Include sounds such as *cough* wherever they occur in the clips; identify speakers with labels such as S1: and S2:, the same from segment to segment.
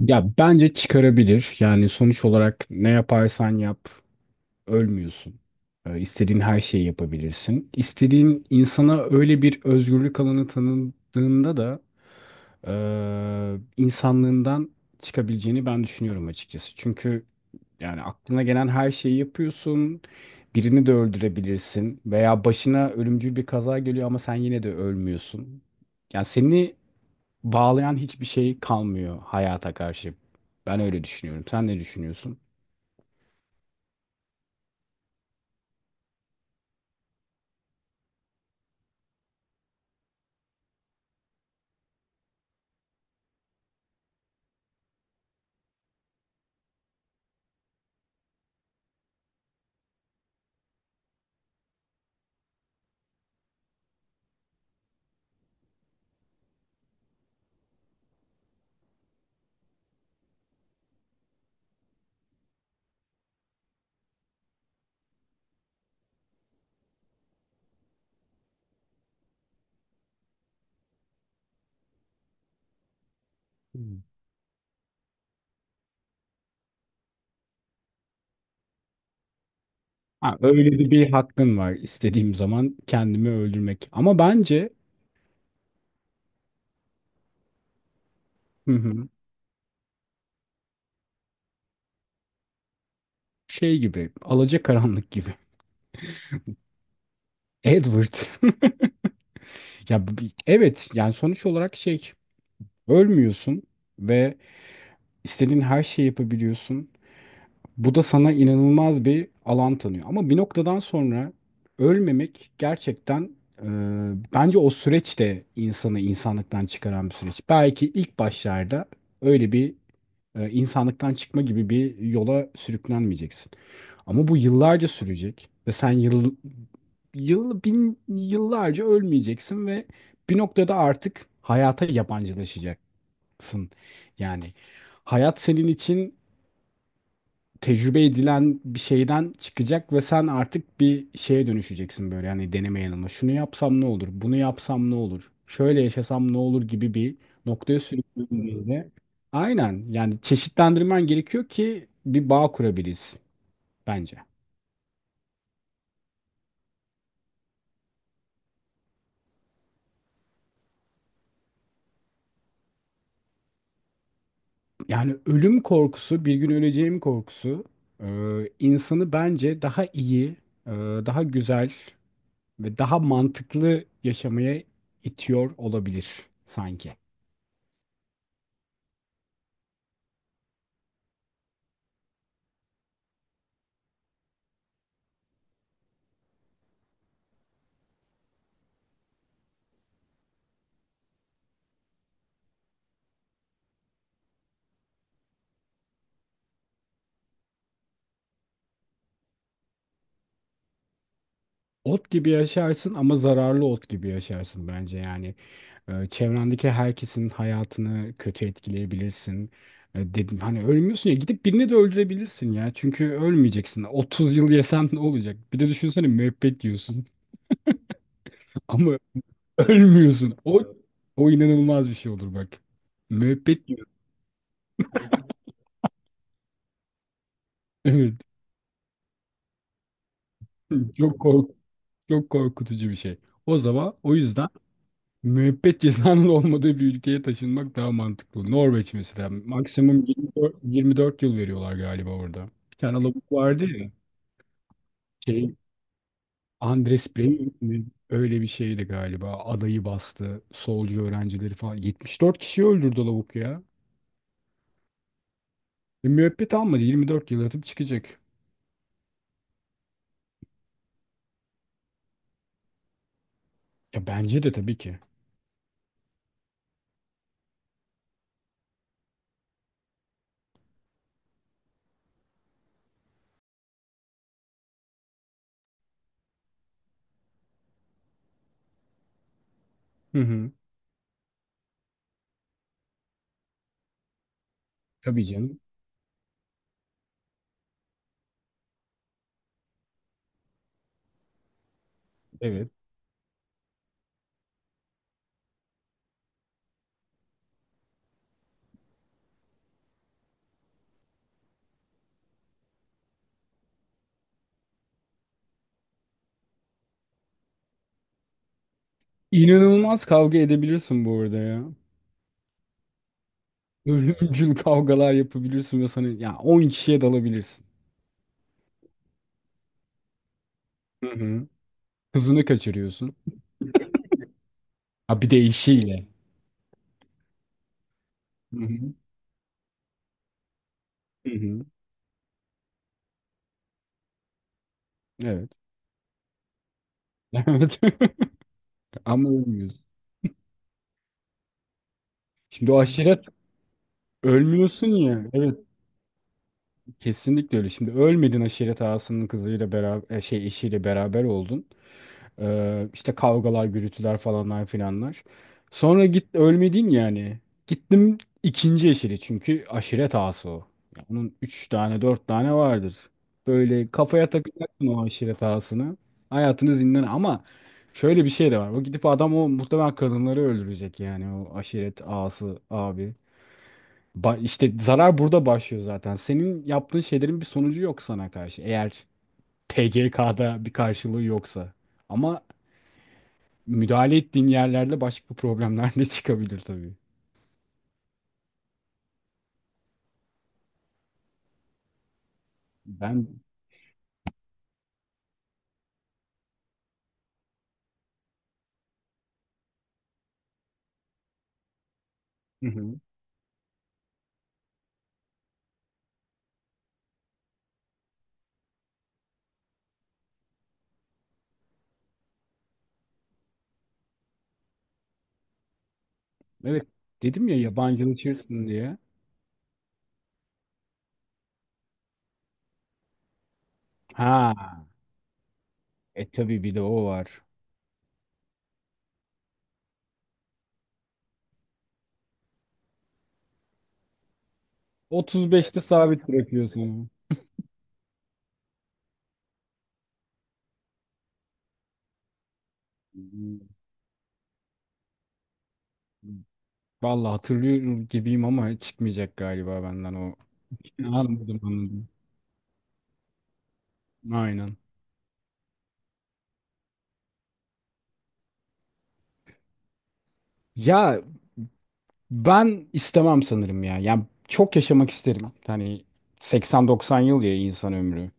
S1: Ya bence çıkarabilir. Yani sonuç olarak ne yaparsan yap ölmüyorsun. İstediğin her şeyi yapabilirsin. İstediğin insana öyle bir özgürlük alanı tanıdığında da insanlığından çıkabileceğini ben düşünüyorum açıkçası. Çünkü yani aklına gelen her şeyi yapıyorsun. Birini de öldürebilirsin veya başına ölümcül bir kaza geliyor ama sen yine de ölmüyorsun. Yani seni bağlayan hiçbir şey kalmıyor hayata karşı. Ben öyle düşünüyorum. Sen ne düşünüyorsun? Hmm. Ha, öyle de bir hakkın var istediğim zaman kendimi öldürmek. Ama bence. Hı hı. Şey gibi, Alacakaranlık gibi. *laughs* Edward. *laughs* Evet, yani sonuç olarak şey ölmüyorsun ve istediğin her şeyi yapabiliyorsun. Bu da sana inanılmaz bir alan tanıyor. Ama bir noktadan sonra ölmemek gerçekten, e, bence o süreç de insanı insanlıktan çıkaran bir süreç. Belki ilk başlarda öyle bir insanlıktan çıkma gibi bir yola sürüklenmeyeceksin. Ama bu yıllarca sürecek ve sen yıl, yıl bin yıllarca ölmeyeceksin ve bir noktada artık hayata yabancılaşacaksın. Yani hayat senin için tecrübe edilen bir şeyden çıkacak ve sen artık bir şeye dönüşeceksin, böyle yani deneme yanılma. Şunu yapsam ne olur? Bunu yapsam ne olur? Şöyle yaşasam ne olur gibi bir noktaya sürüklediğinde aynen, yani çeşitlendirmen gerekiyor ki bir bağ kurabiliriz bence. Yani ölüm korkusu, bir gün öleceğim korkusu e, insanı bence daha iyi, e, daha güzel ve daha mantıklı yaşamaya itiyor olabilir sanki. Ot gibi yaşarsın ama zararlı ot gibi yaşarsın bence yani. Çevrendeki herkesin hayatını kötü etkileyebilirsin. Dedim hani, ölmüyorsun ya, gidip birini de öldürebilirsin ya. Çünkü ölmeyeceksin. 30 yıl yesen ne olacak? Bir de düşünsene, müebbet yiyorsun *laughs* ama ölmüyorsun. O inanılmaz bir şey olur bak. Müebbet yiyorsun. *laughs* Evet. Çok kork Çok korkutucu bir şey. O zaman o yüzden müebbet cezanın olmadığı bir ülkeye taşınmak daha mantıklı. Norveç mesela. Maksimum 24 yıl veriyorlar galiba orada. Bir tane lavuk vardı ya. Şey, Andres Breivik. Öyle bir şeydi galiba. Adayı bastı. Solcu öğrencileri falan. 74 kişi öldürdü lavuk ya. Ve müebbet almadı. 24 yıl yatıp çıkacak. Ya bence de tabii ki. Hı hı. Tabii canım. Evet. İnanılmaz kavga edebilirsin bu arada ya. Ölümcül kavgalar yapabilirsin ve sana, ya, 10 kişiye dalabilirsin. Hı hı. Hızını kaçırıyorsun. Ha, bir de işiyle. Hı hı. Hı hı. Evet. *laughs* Evet. Ama ölmüyorsun. Şimdi o aşiret ölmüyorsun ya. Evet, kesinlikle öyle. Şimdi ölmedin, aşiret ağasının kızıyla beraber, şey, eşiyle beraber oldun. İşte kavgalar, gürültüler, falanlar filanlar. Sonra git, ölmedin yani. Gittim ikinci eşili, çünkü aşiret ağası o. Ya onun üç tane dört tane vardır. Böyle kafaya takacaksın o aşiret ağasını. Hayatını zindan, ama şöyle bir şey de var. O gidip adam, o muhtemelen kadınları öldürecek yani, o aşiret ağası abi. Ba, işte zarar burada başlıyor zaten. Senin yaptığın şeylerin bir sonucu yok sana karşı. Eğer TCK'da bir karşılığı yoksa. Ama müdahale ettiğin yerlerde başka problemler de çıkabilir tabii. Ben. Hı hı. Evet, dedim ya, yabancılaşırsın diye. Ha, tabii, bir de o var. 35'te sabit bırakıyorsun. Vallahi hatırlıyorum gibiyim ama çıkmayacak galiba benden o. Anladım, anladım. Aynen. Ya, ben istemem sanırım ya. Yani çok yaşamak isterim. Hani 80-90 yıl ya insan ömrü.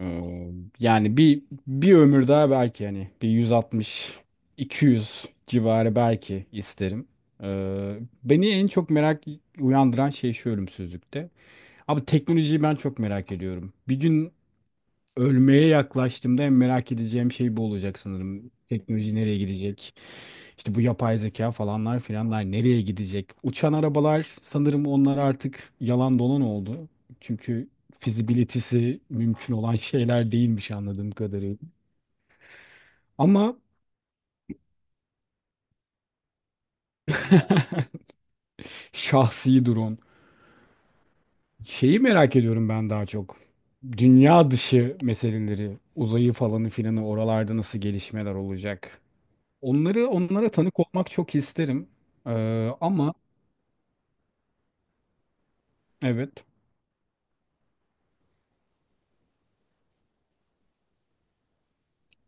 S1: Ee, yani bir ömür daha belki, hani bir 160-200 civarı belki isterim. Ee, beni en çok merak uyandıran şey şu ölümsüzlükte. Abi, teknolojiyi ben çok merak ediyorum. Bir gün ölmeye yaklaştığımda en merak edeceğim şey bu olacak sanırım. Teknoloji nereye gidecek? İşte bu yapay zeka, falanlar filanlar nereye gidecek? Uçan arabalar, sanırım onlar artık yalan dolan oldu. Çünkü fizibilitesi mümkün olan *laughs* şeyler değilmiş anladığım kadarıyla. Ama *laughs* şahsi drone. Şeyi merak ediyorum ben daha çok. Dünya dışı meseleleri, uzayı falanı filanı, oralarda nasıl gelişmeler olacak? Onları, onlara tanık olmak çok isterim. Ama evet.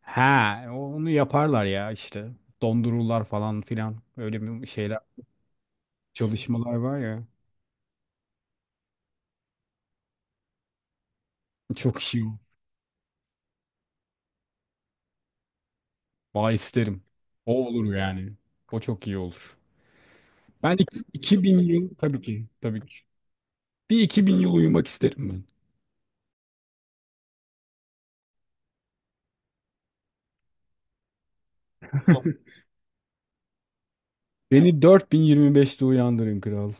S1: Ha, onu yaparlar ya işte. Dondururlar falan filan. Öyle bir şeyler, çalışmalar var ya. Çok iyi. Vay, isterim. O olur yani. O çok iyi olur. Ben 2000 yıl, tabii ki, tabii ki. Bir 2000 yıl uyumak isterim ben. Beni 4025'te uyandırın kral.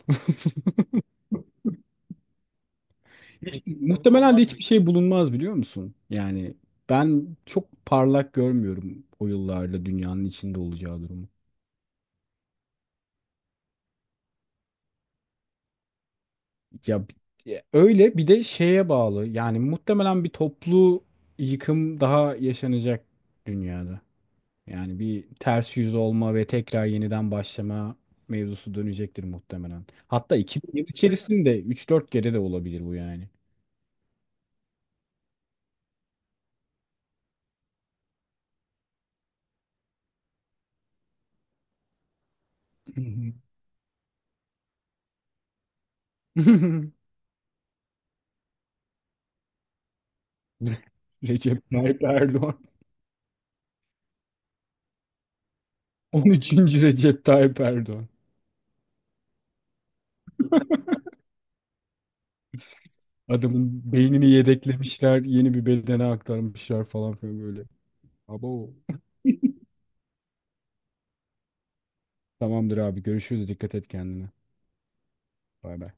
S1: *laughs* Muhtemelen de hiçbir şey bulunmaz, biliyor musun? Yani ben çok parlak görmüyorum o yıllarda dünyanın içinde olacağı durumu. Ya, öyle bir de şeye bağlı. Yani muhtemelen bir toplu yıkım daha yaşanacak dünyada. Yani bir ters yüz olma ve tekrar yeniden başlama mevzusu dönecektir muhtemelen. Hatta 2000 yıl içerisinde üç dört kere de olabilir bu yani. Hı hı. *laughs* Recep Tayyip Erdoğan. 13. Recep Tayyip Erdoğan. Adamın beynini yedeklemişler, yeni bir bedene aktarmışlar falan filan böyle. Abo. Tamamdır abi, görüşürüz. Dikkat et kendine. Bay bay.